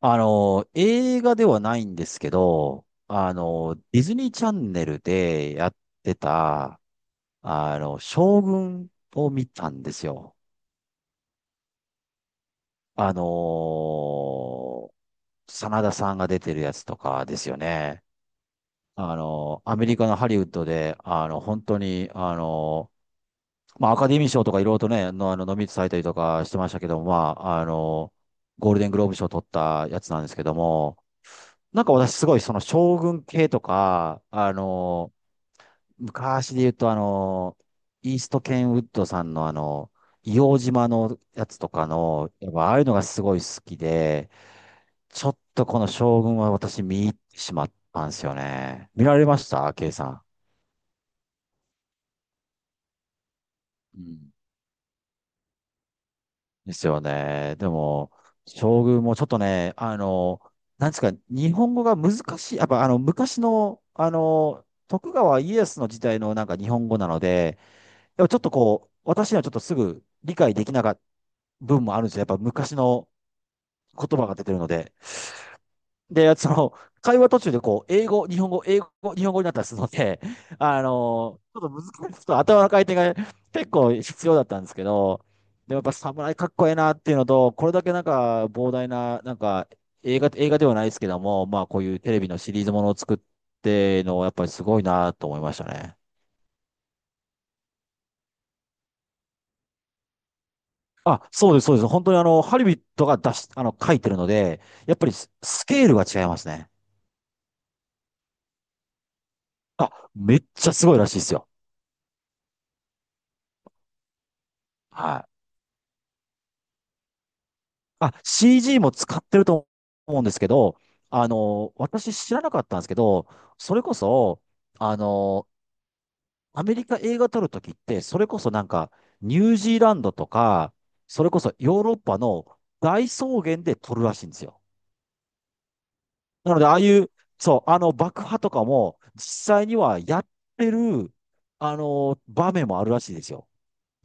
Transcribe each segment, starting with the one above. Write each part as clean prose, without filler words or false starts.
映画ではないんですけど、ディズニーチャンネルでやってた、将軍を見たんですよ。あの、真田さんが出てるやつとかですよね。アメリカのハリウッドで、本当に、まあ、アカデミー賞とかいろいろとね、の、あの、ノミネートされたりとかしてましたけども、まあ、ゴールデングローブ賞取ったやつなんですけども、なんか私すごいその将軍系とか、昔で言うとイーストケンウッドさんの硫黄島のやつとかの、やっぱああいうのがすごい好きで、ちょっとこの将軍は私見入ってしまったんですよね。見られましたケイさん？うん。ですよね。でも、将軍もちょっとね、なんですか、日本語が難しい。やっぱ昔の、徳川家康の時代のなんか日本語なので、でもちょっとこう、私にはちょっとすぐ理解できなかった分もあるんですよ。やっぱ昔の言葉が出てるので。で、会話途中でこう、英語、日本語、英語、日本語になったりするので、ちょっと難しい、ちょっと頭の回転が結構必要だったんですけど、でもやっぱ侍かっこええなっていうのと、これだけなんか膨大な、なんか映画、映画ではないですけども、まあこういうテレビのシリーズものを作っての、やっぱりすごいなと思いましたね。あ、そうです、そうです。本当にハリビットが出し、書いてるので、やっぱりスケールが違いますね。あ、めっちゃすごいらしいですよ。はい。あ、CG も使ってると思うんですけど、私知らなかったんですけど、それこそ、あの、アメリカ映画撮るときって、それこそなんか、ニュージーランドとか、それこそヨーロッパの大草原で撮るらしいんですよ。なので、ああいう、そう、爆破とかも、実際にはやってる、場面もあるらしいですよ。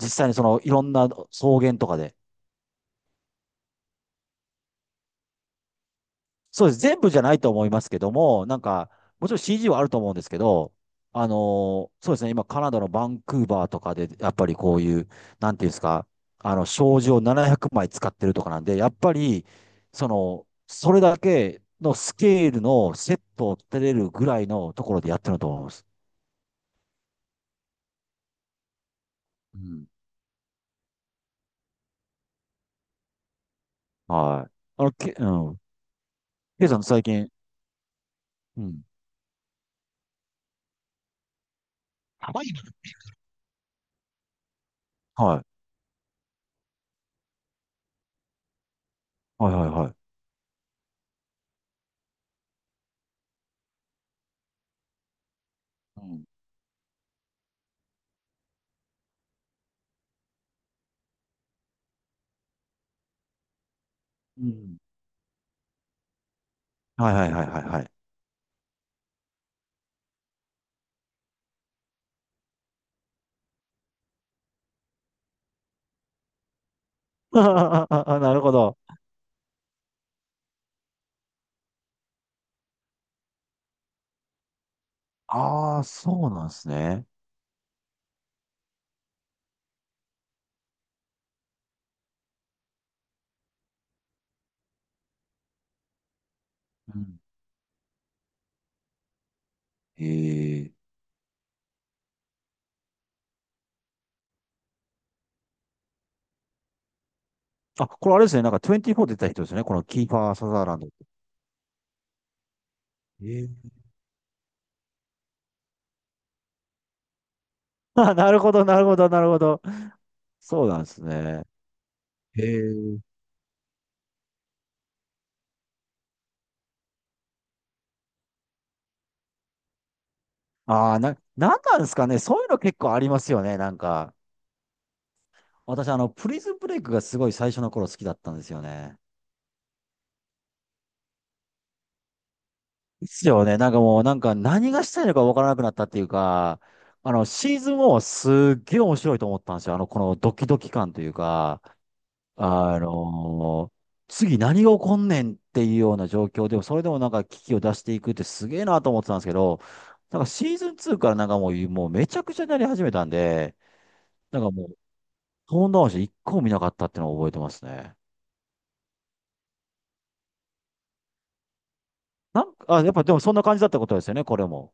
実際にいろんな草原とかで。そうです。全部じゃないと思いますけども、なんか、もちろん CG はあると思うんですけど、そうですね、今、カナダのバンクーバーとかで、やっぱりこういう、なんていうんですか、障子を700枚使ってるとかなんで、やっぱり、それだけのスケールのセットを立てれるぐらいのところでやってると思います。うん。はい。うん。ケイさん最近、うん。甘いの。はいはいはい。うん。うん。はいはいはいはいはい。あ、なるほど。ああ、そうなんですね。うん。ええあ、これあれですね。なんか24出た人ですよね。このキーファー・サザーランドって。ええあ、なるほど、なるほど、なるほど。そうなんですね。へえ。ああ、なんなんですかね。そういうの結構ありますよね。なんか。私、プリズンブレイクがすごい最初の頃好きだったんですよね。ですよね。なんかもう、なんか何がしたいのかわからなくなったっていうか、シーズン1はすっげえ面白いと思ったんですよ。このドキドキ感というか、あの次何が起こんねんっていうような状況でも、それでもなんか危機を出していくってすげえなと思ってたんですけど、なんかシーズン2からなんかもうめちゃくちゃになり始めたんで、なんかもう、トーンダウンして一個も見なかったっていうのを覚えてますね。なんか、あ、やっぱでもそんな感じだったことですよね、これも。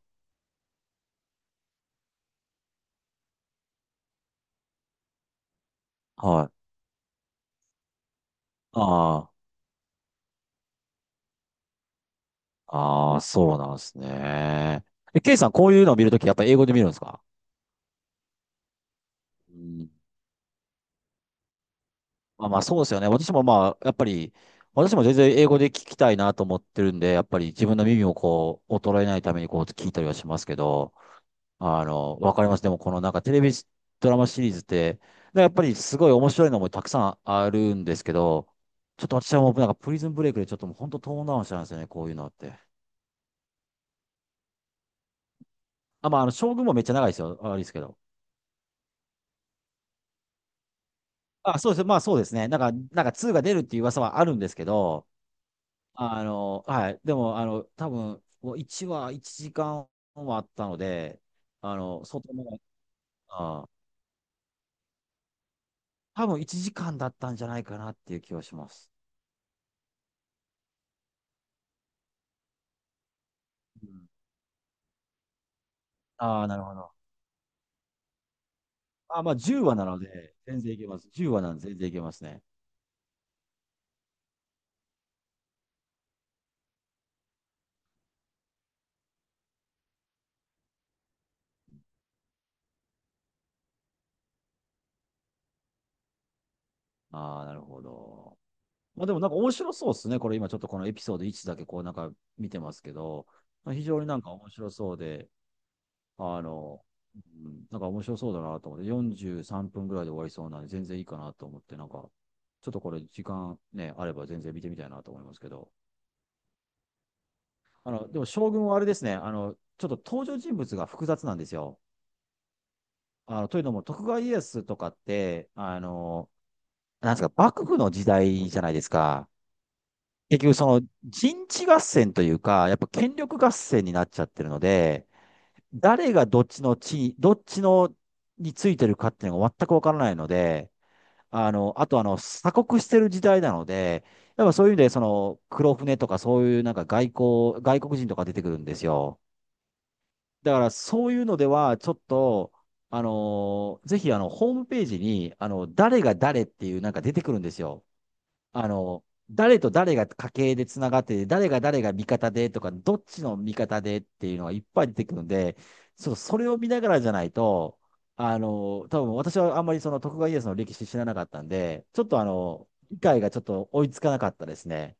はい。あああ、そうなんですね。え、ケイさん、こういうのを見るとき、やっぱり英語で見るんですか？うん。まあまあ、そうですよね。私もまあ、やっぱり、私も全然英語で聞きたいなと思ってるんで、やっぱり自分の耳をこう、衰えないためにこう、聞いたりはしますけど、わかります。でも、このなんかテレビドラマシリーズって、でやっぱりすごい面白いのもたくさんあるんですけど、ちょっと私はもうなんかプリズンブレイクでちょっともう本当トーンダウンしたんですよね、こういうのって。あ、まあ、将軍もめっちゃ長いですよ。あれですけど。あ、そうです。まあそうですね。なんか、なんか2が出るっていう噂はあるんですけど、はい。でも、多分、もう1話1時間はあったので、相当長い、あー、多分1時間だったんじゃないかなっていう気はします。うん、ああ、なるほど。あー、まあ10話なので、全然いけます。10話なんで全然いけますね。ああ、なるほど。まあでもなんか面白そうですね。これ今ちょっとこのエピソード1だけこうなんか見てますけど、まあ非常になんか面白そうで、あの、うん、なんか面白そうだなと思って、43分ぐらいで終わりそうなんで、全然いいかなと思って、なんか、ちょっとこれ、時間ね、あれば全然見てみたいなと思いますけど、でも将軍はあれですね、ちょっと登場人物が複雑なんですよ。というのも、徳川家康とかって、なんですか、幕府の時代じゃないですか。結局、その人地合戦というか、やっぱ権力合戦になっちゃってるので、誰がどっちの地位、どっちのについてるかっていうのが全くわからないので、あと鎖国してる時代なので、やっぱそういう意味で、黒船とかそういうなんか外交、外国人とか出てくるんですよ。だからそういうのでは、ちょっと、ぜひホームページに、誰が誰っていうなんか出てくるんですよ。誰と誰が家系でつながってて、誰が誰が味方でとか、どっちの味方でっていうのがいっぱい出てくるんで、そう、それを見ながらじゃないと、多分私はあんまりその徳川家康の歴史知らなかったんで、ちょっと理解がちょっと追いつかなかったですね。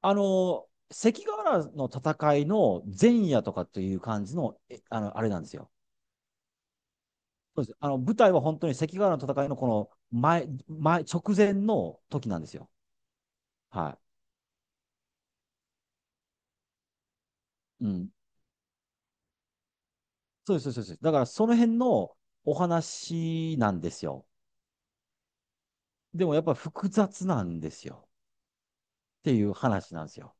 関ヶ原の戦いの前夜とかという感じの、えあの、あれなんですよ。そうです。舞台は本当に関ヶ原の戦いのこの直前の時なんですよ。はい。うん。そうです、そうです。そうです。だからその辺のお話なんですよ。でもやっぱ複雑なんですよ。っていう話なんですよ。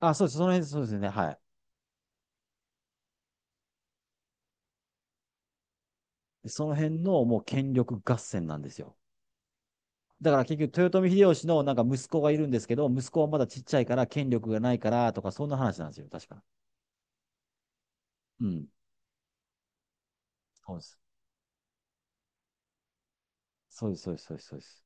あ、そうです。その辺、そうですね。はい。その辺のもう権力合戦なんですよ。だから結局、豊臣秀吉のなんか息子がいるんですけど、息子はまだちっちゃいから権力がないからとか、そんな話なんですよ。確か。うん。そうです。そうです、そうです、そうです。そうです。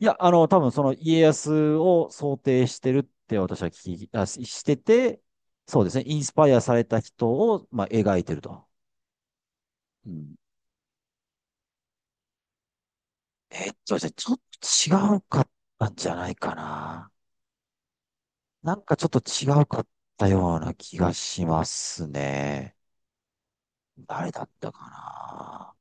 いや、多分その家康を想定してるって私は聞き、あ、ししてて、そうですね。インスパイアされた人を、まあ、描いてると。うん。じゃあ、ちょっと違うかったんじゃないかな。なんかちょっと違うかったような気がしますね。誰だったかな。